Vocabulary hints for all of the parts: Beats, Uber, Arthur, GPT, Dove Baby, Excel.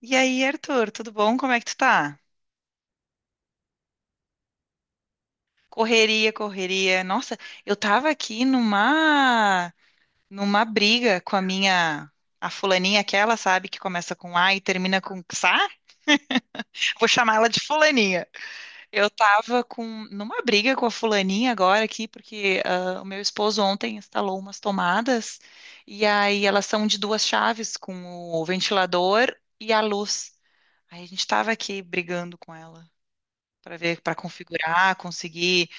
E aí, Arthur, tudo bom? Como é que tu tá? Correria, correria. Nossa, eu tava aqui numa briga com a minha a fulaninha aquela, sabe, que começa com A e termina com Xá? Vou chamar ela de fulaninha. Eu tava com numa briga com a fulaninha agora aqui porque o meu esposo ontem instalou umas tomadas e aí elas são de 2 chaves com o ventilador e a luz. Aí a gente tava aqui brigando com ela para ver, para configurar, conseguir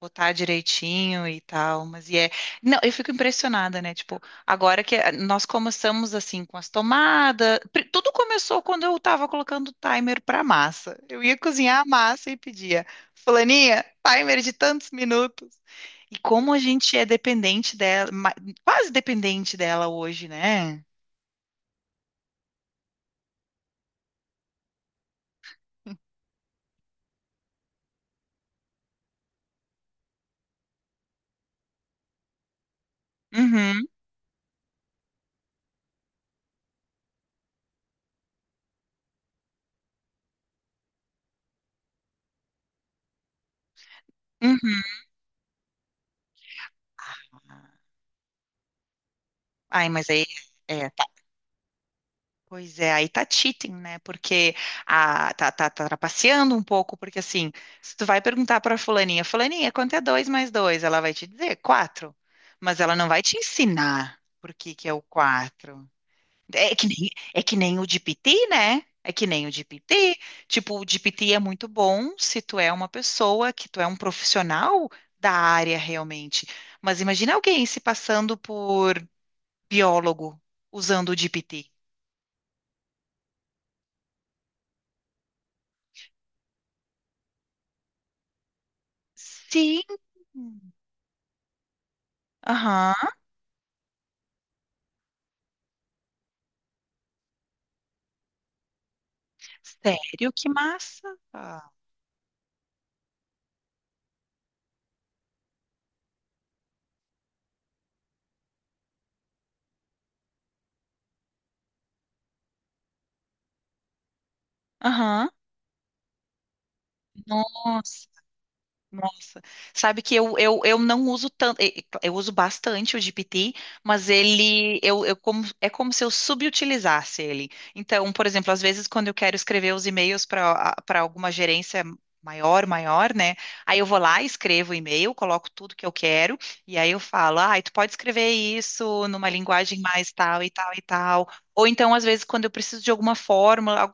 botar direitinho e tal, mas não, eu fico impressionada, né? Tipo, agora que nós começamos assim com as tomadas. Tudo começou quando eu tava colocando o timer para massa. Eu ia cozinhar a massa e pedia, fulaninha, timer de tantos minutos. E como a gente é dependente dela, quase dependente dela hoje, né? Uhum, uhum. Ai, mas aí é. É. Pois é, aí tá cheating, né? Porque tá trapaceando um pouco, porque assim, se tu vai perguntar pra fulaninha, fulaninha, quanto é dois mais dois? Ela vai te dizer quatro, mas ela não vai te ensinar por que que é o quatro. É que nem o GPT, né? É que nem o GPT. Tipo, o GPT é muito bom se tu é uma pessoa, que tu é um profissional da área realmente. Mas imagina alguém se passando por biólogo usando o GPT. Sim, aham. Sério? Que massa! Aham. Nossa, nossa. Sabe que eu não uso tanto, eu uso bastante o GPT, mas eu como, é como se eu subutilizasse ele. Então, por exemplo, às vezes quando eu quero escrever os e-mails para alguma gerência maior, né? Aí eu vou lá, escrevo o e-mail, coloco tudo que eu quero e aí eu falo: "Ah, tu pode escrever isso numa linguagem mais tal e tal e tal". Ou então, às vezes, quando eu preciso de alguma fórmula,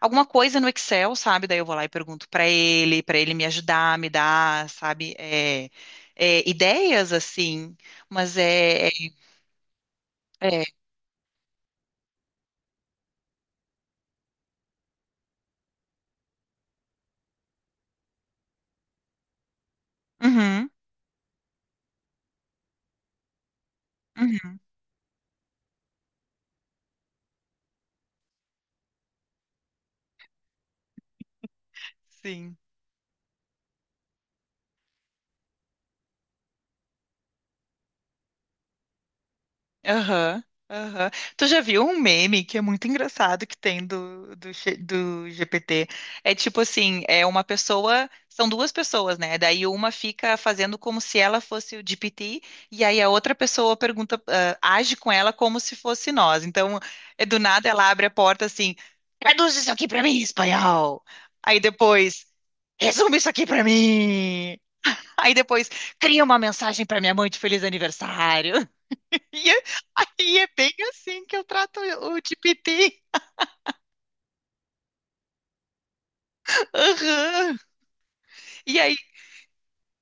alguma coisa no Excel, sabe? Daí eu vou lá e pergunto para ele me ajudar, me dar, sabe? Ideias assim, mas é. Uhum, uhum, sim. Aham, aham. Tu já viu um meme que é muito engraçado que tem do GPT? É tipo assim, é uma pessoa, são duas pessoas, né? Daí uma fica fazendo como se ela fosse o GPT, e aí a outra pessoa pergunta, ah, age com ela como se fosse nós. Então, é do nada ela abre a porta assim, traduz isso aqui pra mim em espanhol. Aí depois, resume isso aqui pra mim. Aí depois, cria uma mensagem pra minha mãe de feliz aniversário. E é, aí é bem assim que eu trato o GPT. Aham. E aí,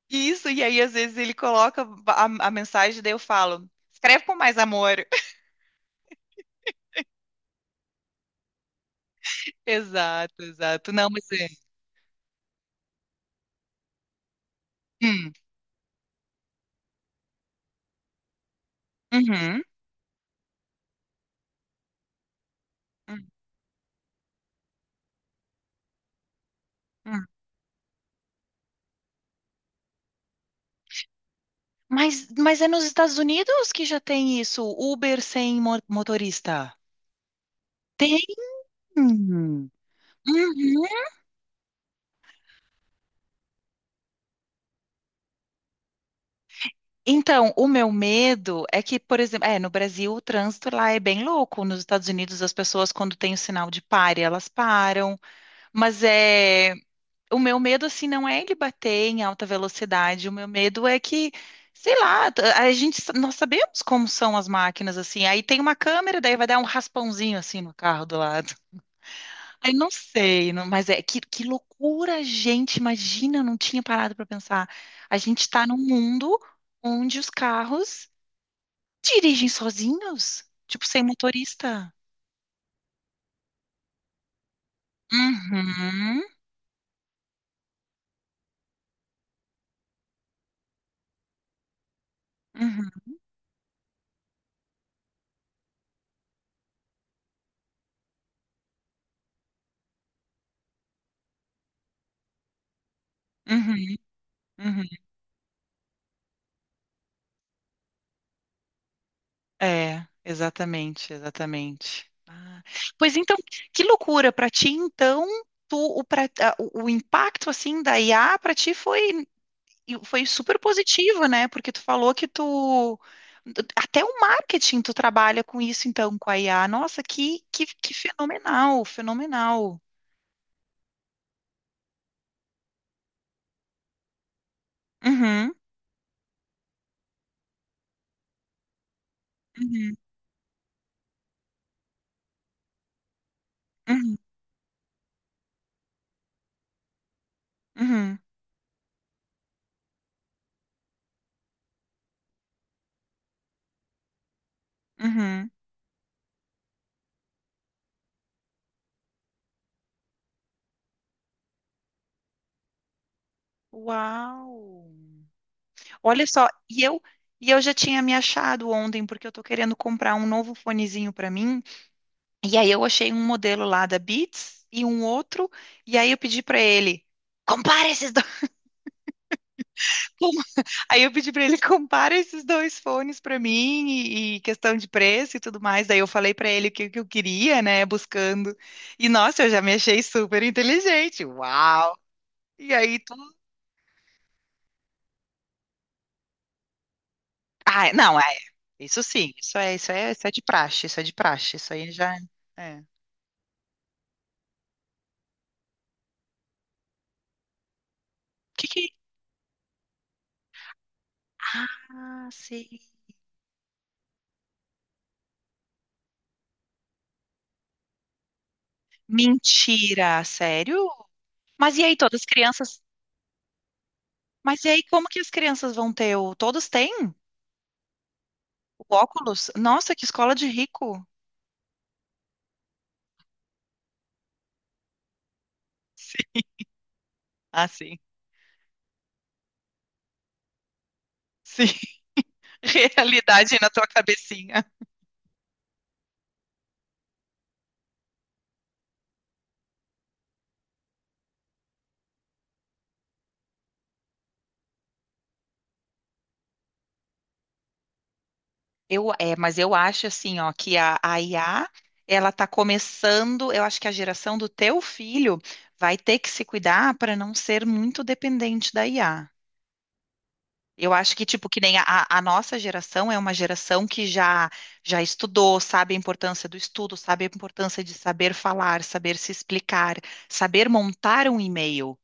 isso, e aí às vezes ele coloca a mensagem, daí eu falo, escreve com mais amor. Exato, exato. Não, mas é. Hum, uhum, hum, hum. Mas é nos Estados Unidos que já tem isso, Uber sem motorista. Tem. Uhum. Então, o meu medo é que, por exemplo, é, no Brasil o trânsito lá é bem louco. Nos Estados Unidos as pessoas quando tem o sinal de pare, elas param, mas é, o meu medo assim não é ele bater em alta velocidade, o meu medo é que, sei lá, nós sabemos como são as máquinas assim. Aí tem uma câmera, daí vai dar um raspãozinho assim no carro do lado. Aí não sei, mas é que loucura, gente, imagina, eu não tinha parado para pensar. A gente está num mundo onde os carros dirigem sozinhos? Tipo, sem motorista? Uhum, uhum, uhum, uhum. É, exatamente, exatamente. Ah, pois então, que loucura para ti, então, tu, o, pra- a- o impacto assim da IA para ti foi, foi super positivo, né? Porque tu falou que tu até o marketing tu trabalha com isso então, com a IA. Nossa, que fenomenal, fenomenal. Uhum, uhum, uhum, uhum, uhum. Uau! Olha só, e eu já tinha me achado ontem porque eu tô querendo comprar um novo fonezinho pra mim. E aí eu achei um modelo lá da Beats e um outro, e aí eu pedi pra ele: compara esses dois. Com- Aí eu pedi pra ele compara esses dois fones pra mim e questão de preço e tudo mais. Daí eu falei pra ele o que, que eu queria, né, buscando. E nossa, eu já me achei super inteligente. Uau! E aí tu. Ah, não. Isso sim, isso é, isso é, isso é de praxe, isso é de praxe, isso aí já. É. Que... Ah, sei. Mentira, sério? Mas e aí, todas as crianças? Mas e aí, como que as crianças vão ter o. Todos têm o óculos? Nossa, que escola de rico. Sim. Ah, sim. Sim. Realidade na tua cabecinha. Eu, é, mas eu acho assim, ó, que a IA, ela tá começando, eu acho que a geração do teu filho vai ter que se cuidar para não ser muito dependente da IA. Eu acho que, tipo, que nem a nossa geração é uma geração que já estudou, sabe a importância do estudo, sabe a importância de saber falar, saber se explicar, saber montar um e-mail.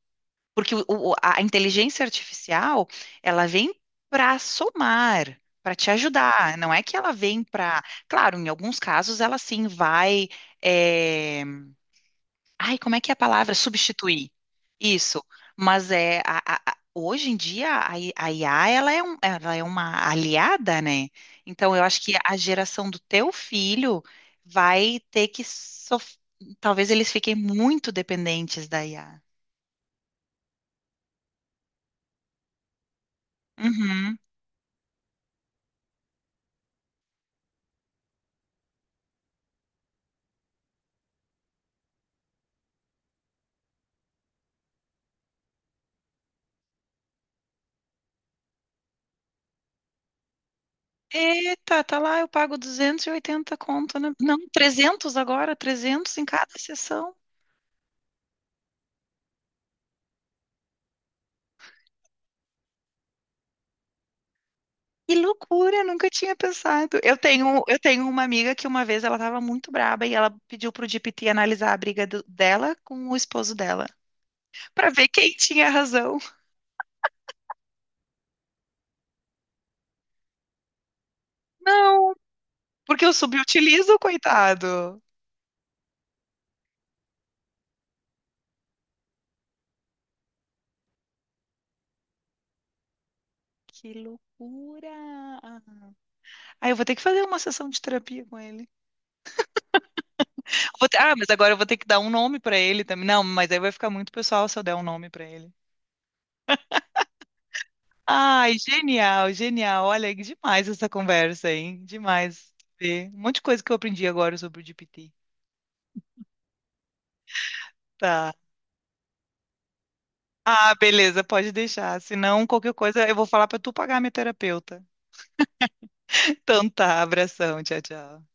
Porque a inteligência artificial, ela vem para somar, para te ajudar. Não é que ela vem para. Claro, em alguns casos ela sim vai. eh, Ai, como é que é a palavra? Substituir. Isso. Mas é hoje em dia a IA ela é, ela é uma aliada, né? Então eu acho que a geração do teu filho vai ter que talvez eles fiquem muito dependentes da IA. Uhum. Eita, tá lá, eu pago 280 conto, né? Não, 300 agora, 300 em cada sessão. Que loucura, eu nunca tinha pensado. Eu tenho uma amiga que uma vez ela estava muito braba e ela pediu pro GPT analisar a briga dela com o esposo dela, para ver quem tinha razão. Não, porque eu subutilizo, coitado. Que loucura. Ah, eu vou ter que fazer uma sessão de terapia com ele. Mas agora eu vou ter que dar um nome para ele também. Não, mas aí vai ficar muito pessoal se eu der um nome para ele. Ai, genial, genial. Olha, que demais essa conversa, hein? Demais. Ver. Um monte de coisa que eu aprendi agora sobre o GPT. Tá. Ah, beleza, pode deixar. Se não qualquer coisa, eu vou falar pra tu pagar a minha terapeuta. Então tá, abração, tchau, tchau.